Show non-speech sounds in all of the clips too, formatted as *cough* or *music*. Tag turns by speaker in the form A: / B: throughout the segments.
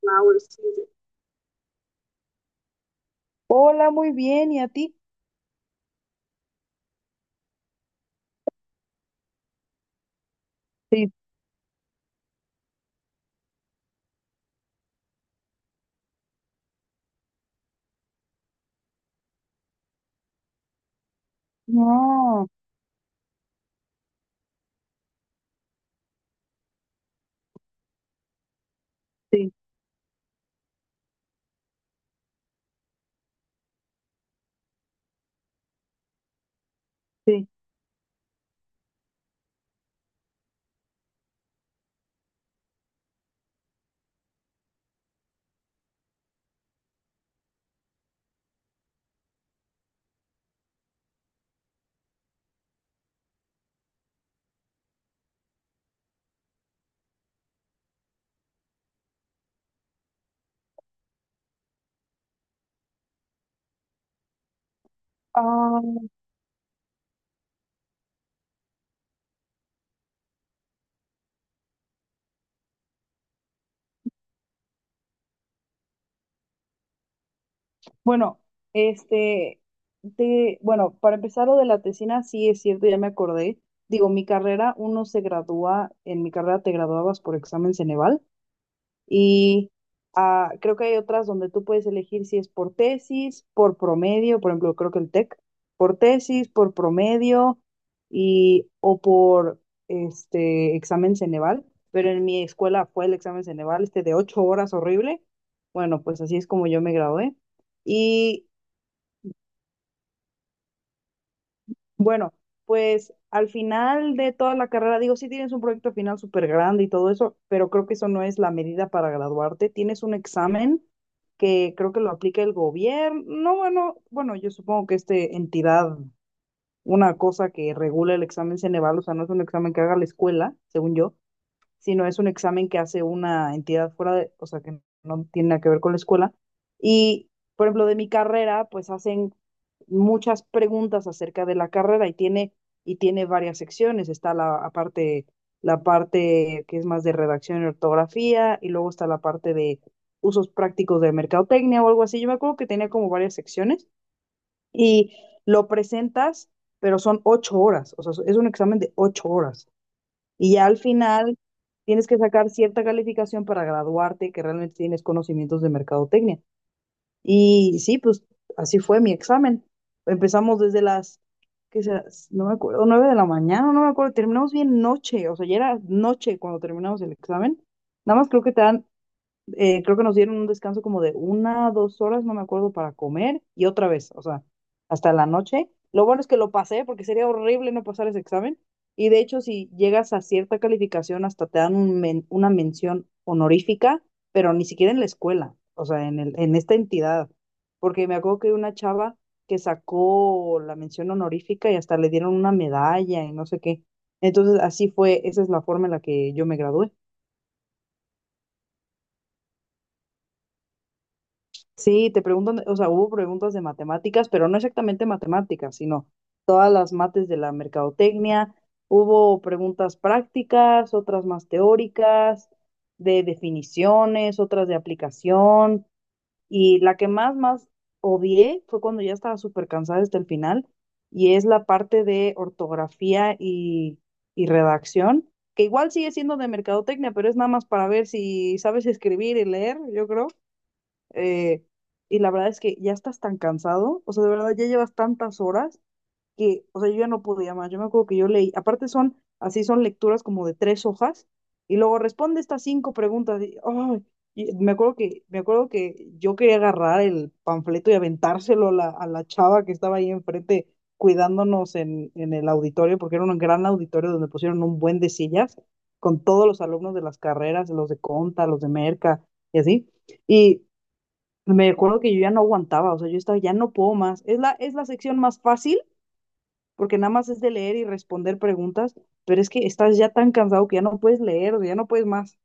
A: Flower season. Hola, muy bien. ¿Y a ti? Sí. No, sí, sí. Ah, bueno, este, te, bueno, para empezar lo de la tesina, sí es cierto, ya me acordé. Digo, mi carrera, uno se gradúa, en mi carrera te graduabas por examen Ceneval. Y creo que hay otras donde tú puedes elegir si es por tesis, por promedio, por ejemplo, creo que el TEC, por tesis, por promedio y o por este examen Ceneval. Pero en mi escuela fue el examen Ceneval, este de ocho horas horrible. Bueno, pues así es como yo me gradué. Y bueno, pues al final de toda la carrera, digo, sí tienes un proyecto final súper grande y todo eso, pero creo que eso no es la medida para graduarte. Tienes un examen que creo que lo aplica el gobierno. No, bueno, bueno, yo supongo que esta entidad, una cosa que regula el examen Ceneval, o sea, no es un examen que haga la escuela, según yo, sino es un examen que hace una entidad fuera de, o sea, que no tiene nada que ver con la escuela. Y, por ejemplo, de mi carrera, pues hacen muchas preguntas acerca de la carrera y tiene varias secciones. Está la parte, la parte que es más de redacción y ortografía, y luego está la parte de usos prácticos de mercadotecnia o algo así. Yo me acuerdo que tenía como varias secciones y lo presentas, pero son ocho horas, o sea, es un examen de ocho horas. Y ya al final tienes que sacar cierta calificación para graduarte que realmente tienes conocimientos de mercadotecnia. Y sí, pues así fue mi examen. Empezamos desde las, ¿qué será? No me acuerdo, nueve de la mañana, no me acuerdo. Terminamos bien noche, o sea, ya era noche cuando terminamos el examen. Nada más creo que te dan creo que nos dieron un descanso como de una, dos horas, no me acuerdo, para comer y otra vez, o sea, hasta la noche. Lo bueno es que lo pasé porque sería horrible no pasar ese examen. Y de hecho, si llegas a cierta calificación, hasta te dan un una mención honorífica, pero ni siquiera en la escuela, o sea, en el, en esta entidad. Porque me acuerdo que una chava que sacó la mención honorífica y hasta le dieron una medalla y no sé qué. Entonces, así fue, esa es la forma en la que yo me gradué. Sí, te preguntan, o sea, hubo preguntas de matemáticas, pero no exactamente matemáticas, sino todas las mates de la mercadotecnia. Hubo preguntas prácticas, otras más teóricas, de definiciones, otras de aplicación. Y la que más, más odié fue cuando ya estaba súper cansada hasta el final, y es la parte de ortografía y redacción, que igual sigue siendo de mercadotecnia, pero es nada más para ver si sabes escribir y leer, yo creo. Eh, y la verdad es que ya estás tan cansado, o sea, de verdad ya llevas tantas horas que, o sea, yo ya no podía más. Yo me acuerdo que yo leí, aparte son, así son lecturas como de tres hojas, y luego responde estas cinco preguntas. Y, ay, y me acuerdo que yo quería agarrar el panfleto y aventárselo a la chava que estaba ahí enfrente cuidándonos en el auditorio, porque era un gran auditorio donde pusieron un buen de sillas con todos los alumnos de las carreras, los de Conta, los de Merca y así. Y me acuerdo que yo ya no aguantaba, o sea, yo estaba, ya no puedo más. Es la sección más fácil porque nada más es de leer y responder preguntas, pero es que estás ya tan cansado que ya no puedes leer, ya no puedes más.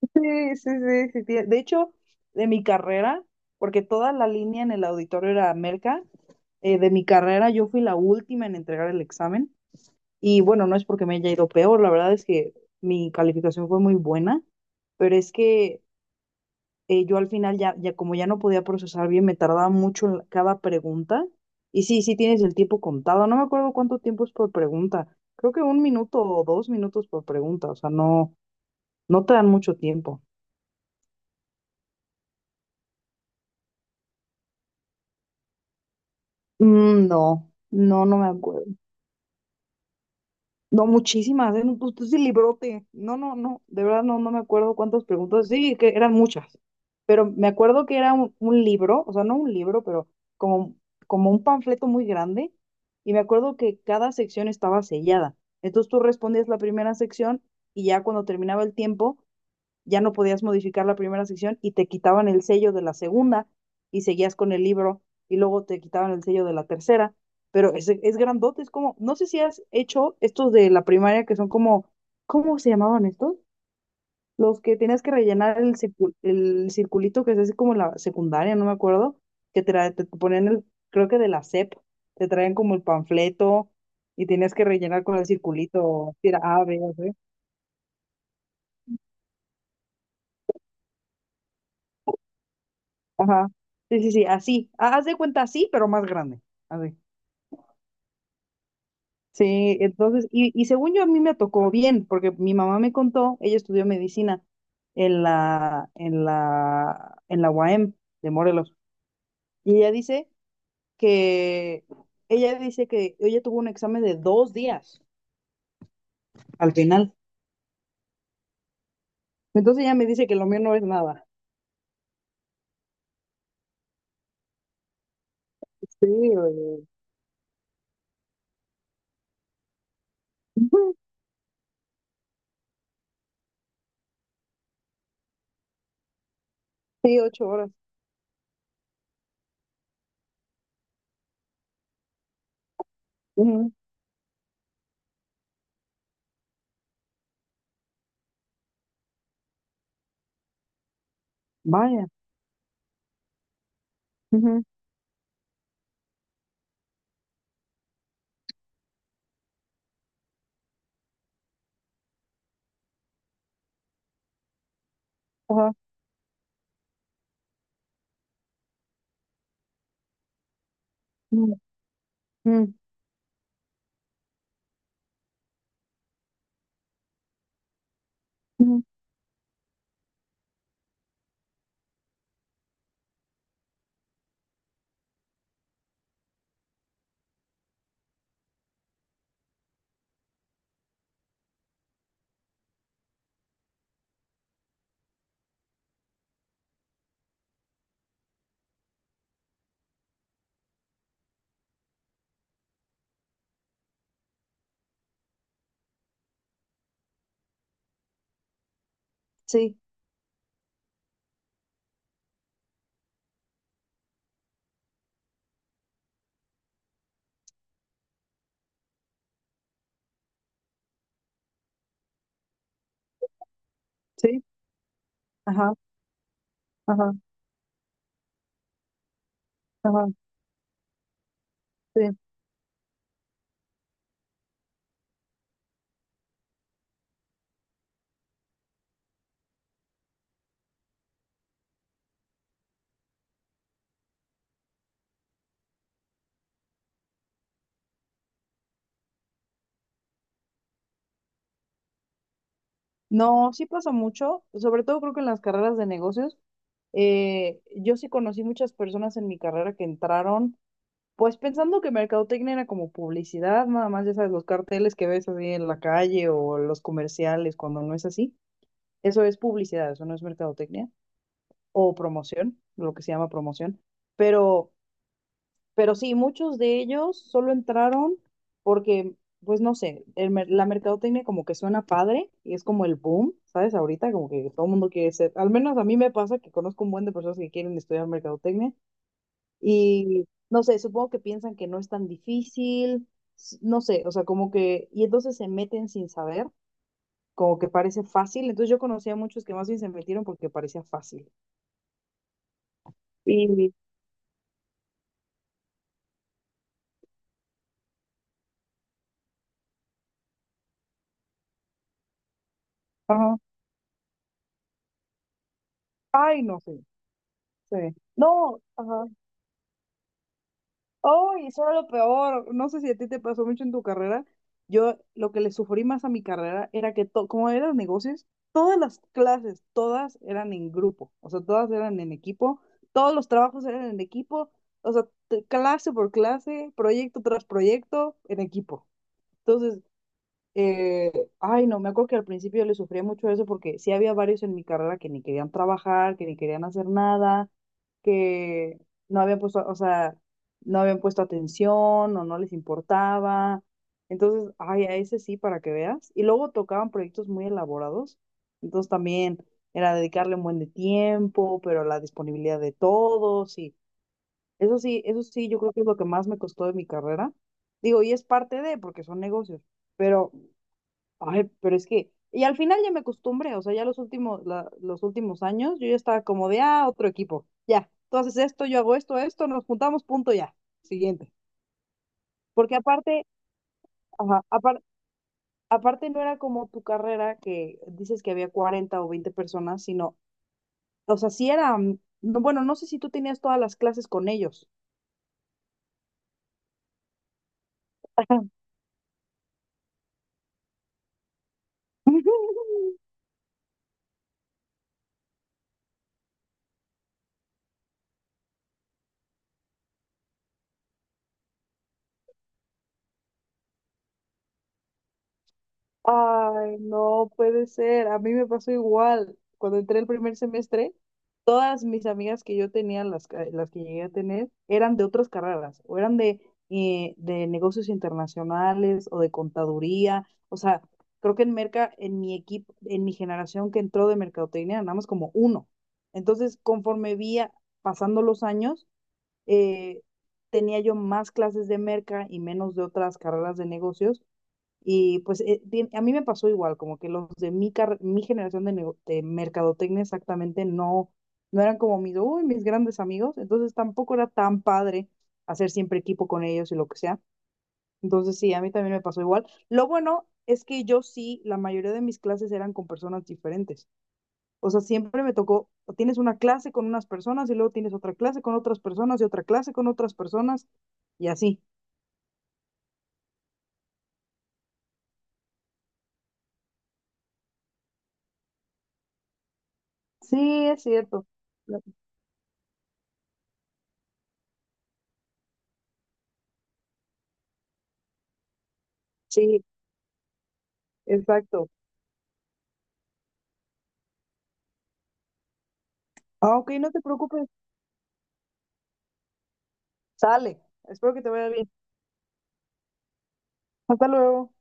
A: Sí, sí, sí, sí, sí. De hecho, de mi carrera, porque toda la línea en el auditorio era Merca, de mi carrera yo fui la última en entregar el examen y bueno, no es porque me haya ido peor, la verdad es que mi calificación fue muy buena, pero es que yo al final ya, ya como ya no podía procesar bien, me tardaba mucho en cada pregunta. Y sí, sí tienes el tiempo contado. No me acuerdo cuánto tiempo es por pregunta. Creo que un minuto o dos minutos por pregunta. O sea, no, no te dan mucho tiempo. No, no, no me acuerdo. No, muchísimas, ¿eh? No, pues tú sí librote. No, no, no, de verdad no, no me acuerdo cuántas preguntas. Sí, que eran muchas, pero me acuerdo que era un libro, o sea, no un libro, pero como, como un panfleto muy grande, y me acuerdo que cada sección estaba sellada. Entonces tú respondías la primera sección y ya cuando terminaba el tiempo, ya no podías modificar la primera sección y te quitaban el sello de la segunda y seguías con el libro y luego te quitaban el sello de la tercera, pero es grandote, es como, no sé si has hecho estos de la primaria que son como, ¿cómo se llamaban estos? Los que tenías que rellenar el, el circulito que es así como la secundaria, no me acuerdo, que te, te ponían el, creo que de la SEP, te traían como el panfleto y tenías que rellenar con el circulito, si era A, B, o C. Ajá. Sí, sí, sí, así. Haz de cuenta así, pero más grande. Así. Sí, entonces, y según yo a mí me tocó bien, porque mi mamá me contó, ella estudió medicina en la, en la, en la UAM de Morelos. Y ella dice que, ella dice que ella tuvo un examen de dos días al final. Entonces ella me dice que lo mío no es nada. Sí, oye. Ujú, sí, ocho horas. Ujú, vaya. Ujú, ajá. Ujú, ujú, ujú, sí, sí, ajá. Ajá, ajá, sí. No, sí pasa mucho, sobre todo creo que en las carreras de negocios. Yo sí conocí muchas personas en mi carrera que entraron, pues pensando que mercadotecnia era como publicidad, nada más, ya sabes, los carteles que ves así en la calle o los comerciales, cuando no es así. Eso es publicidad, eso no es mercadotecnia o promoción, lo que se llama promoción. Pero Pero sí, muchos de ellos solo entraron porque, pues no sé, el la mercadotecnia como que suena padre y es como el boom, ¿sabes? Ahorita como que todo el mundo quiere ser, al menos a mí me pasa que conozco un buen de personas que quieren estudiar mercadotecnia y no sé, supongo que piensan que no es tan difícil, no sé, o sea, como que, y entonces se meten sin saber, como que parece fácil, entonces yo conocía a muchos que más bien se metieron porque parecía fácil. Y, ajá, ay, no sé, sí. No, ajá. Oh, y eso era lo peor. No sé si a ti te pasó mucho en tu carrera. Yo lo que le sufrí más a mi carrera era que, como eran negocios, todas las clases, todas eran en grupo, o sea, todas eran en equipo, todos los trabajos eran en equipo, o sea, clase por clase, proyecto tras proyecto, en equipo. Entonces, eh, ay, no, me acuerdo que al principio yo le sufría mucho eso porque sí había varios en mi carrera que ni querían trabajar, que ni querían hacer nada, que no habían puesto, o sea, no habían puesto atención o no les importaba. Entonces, ay, a ese sí, para que veas. Y luego tocaban proyectos muy elaborados. Entonces también era dedicarle un buen de tiempo, pero la disponibilidad de todos y eso sí, yo creo que es lo que más me costó de mi carrera. Digo, y es parte de, porque son negocios. Pero ay, pero es que, y al final ya me acostumbré, o sea, ya los últimos, los últimos años, yo ya estaba como de, ah, otro equipo, ya, tú haces esto, yo hago esto, esto, nos juntamos, punto, ya, siguiente. Porque aparte, ajá, aparte no era como tu carrera que dices que había 40 o 20 personas, sino, o sea, sí era, mm, no, bueno, no sé si tú tenías todas las clases con ellos. *laughs* Ay, no puede ser. A mí me pasó igual. Cuando entré el primer semestre, todas mis amigas que yo tenía, las, las que llegué a tener, eran de otras carreras, o eran de negocios internacionales o de contaduría. O sea, creo que en Merca, en mi equipo, en mi generación que entró de mercadotecnia, nada más como uno. Entonces, conforme pasando los años, eh, tenía yo más clases de Merca y menos de otras carreras de negocios y pues bien, a mí me pasó igual, como que los de mi, mi generación de, de mercadotecnia exactamente no, no eran como mis, uy, mis grandes amigos, entonces tampoco era tan padre hacer siempre equipo con ellos y lo que sea. Entonces sí, a mí también me pasó igual. Lo bueno es que yo sí, la mayoría de mis clases eran con personas diferentes. O sea, siempre me tocó, tienes una clase con unas personas y luego tienes otra clase con otras personas y otra clase con otras personas y así. Sí, es cierto. No, sí, exacto. Ah, ok, no te preocupes. Sale. Espero que te vaya bien. Hasta luego.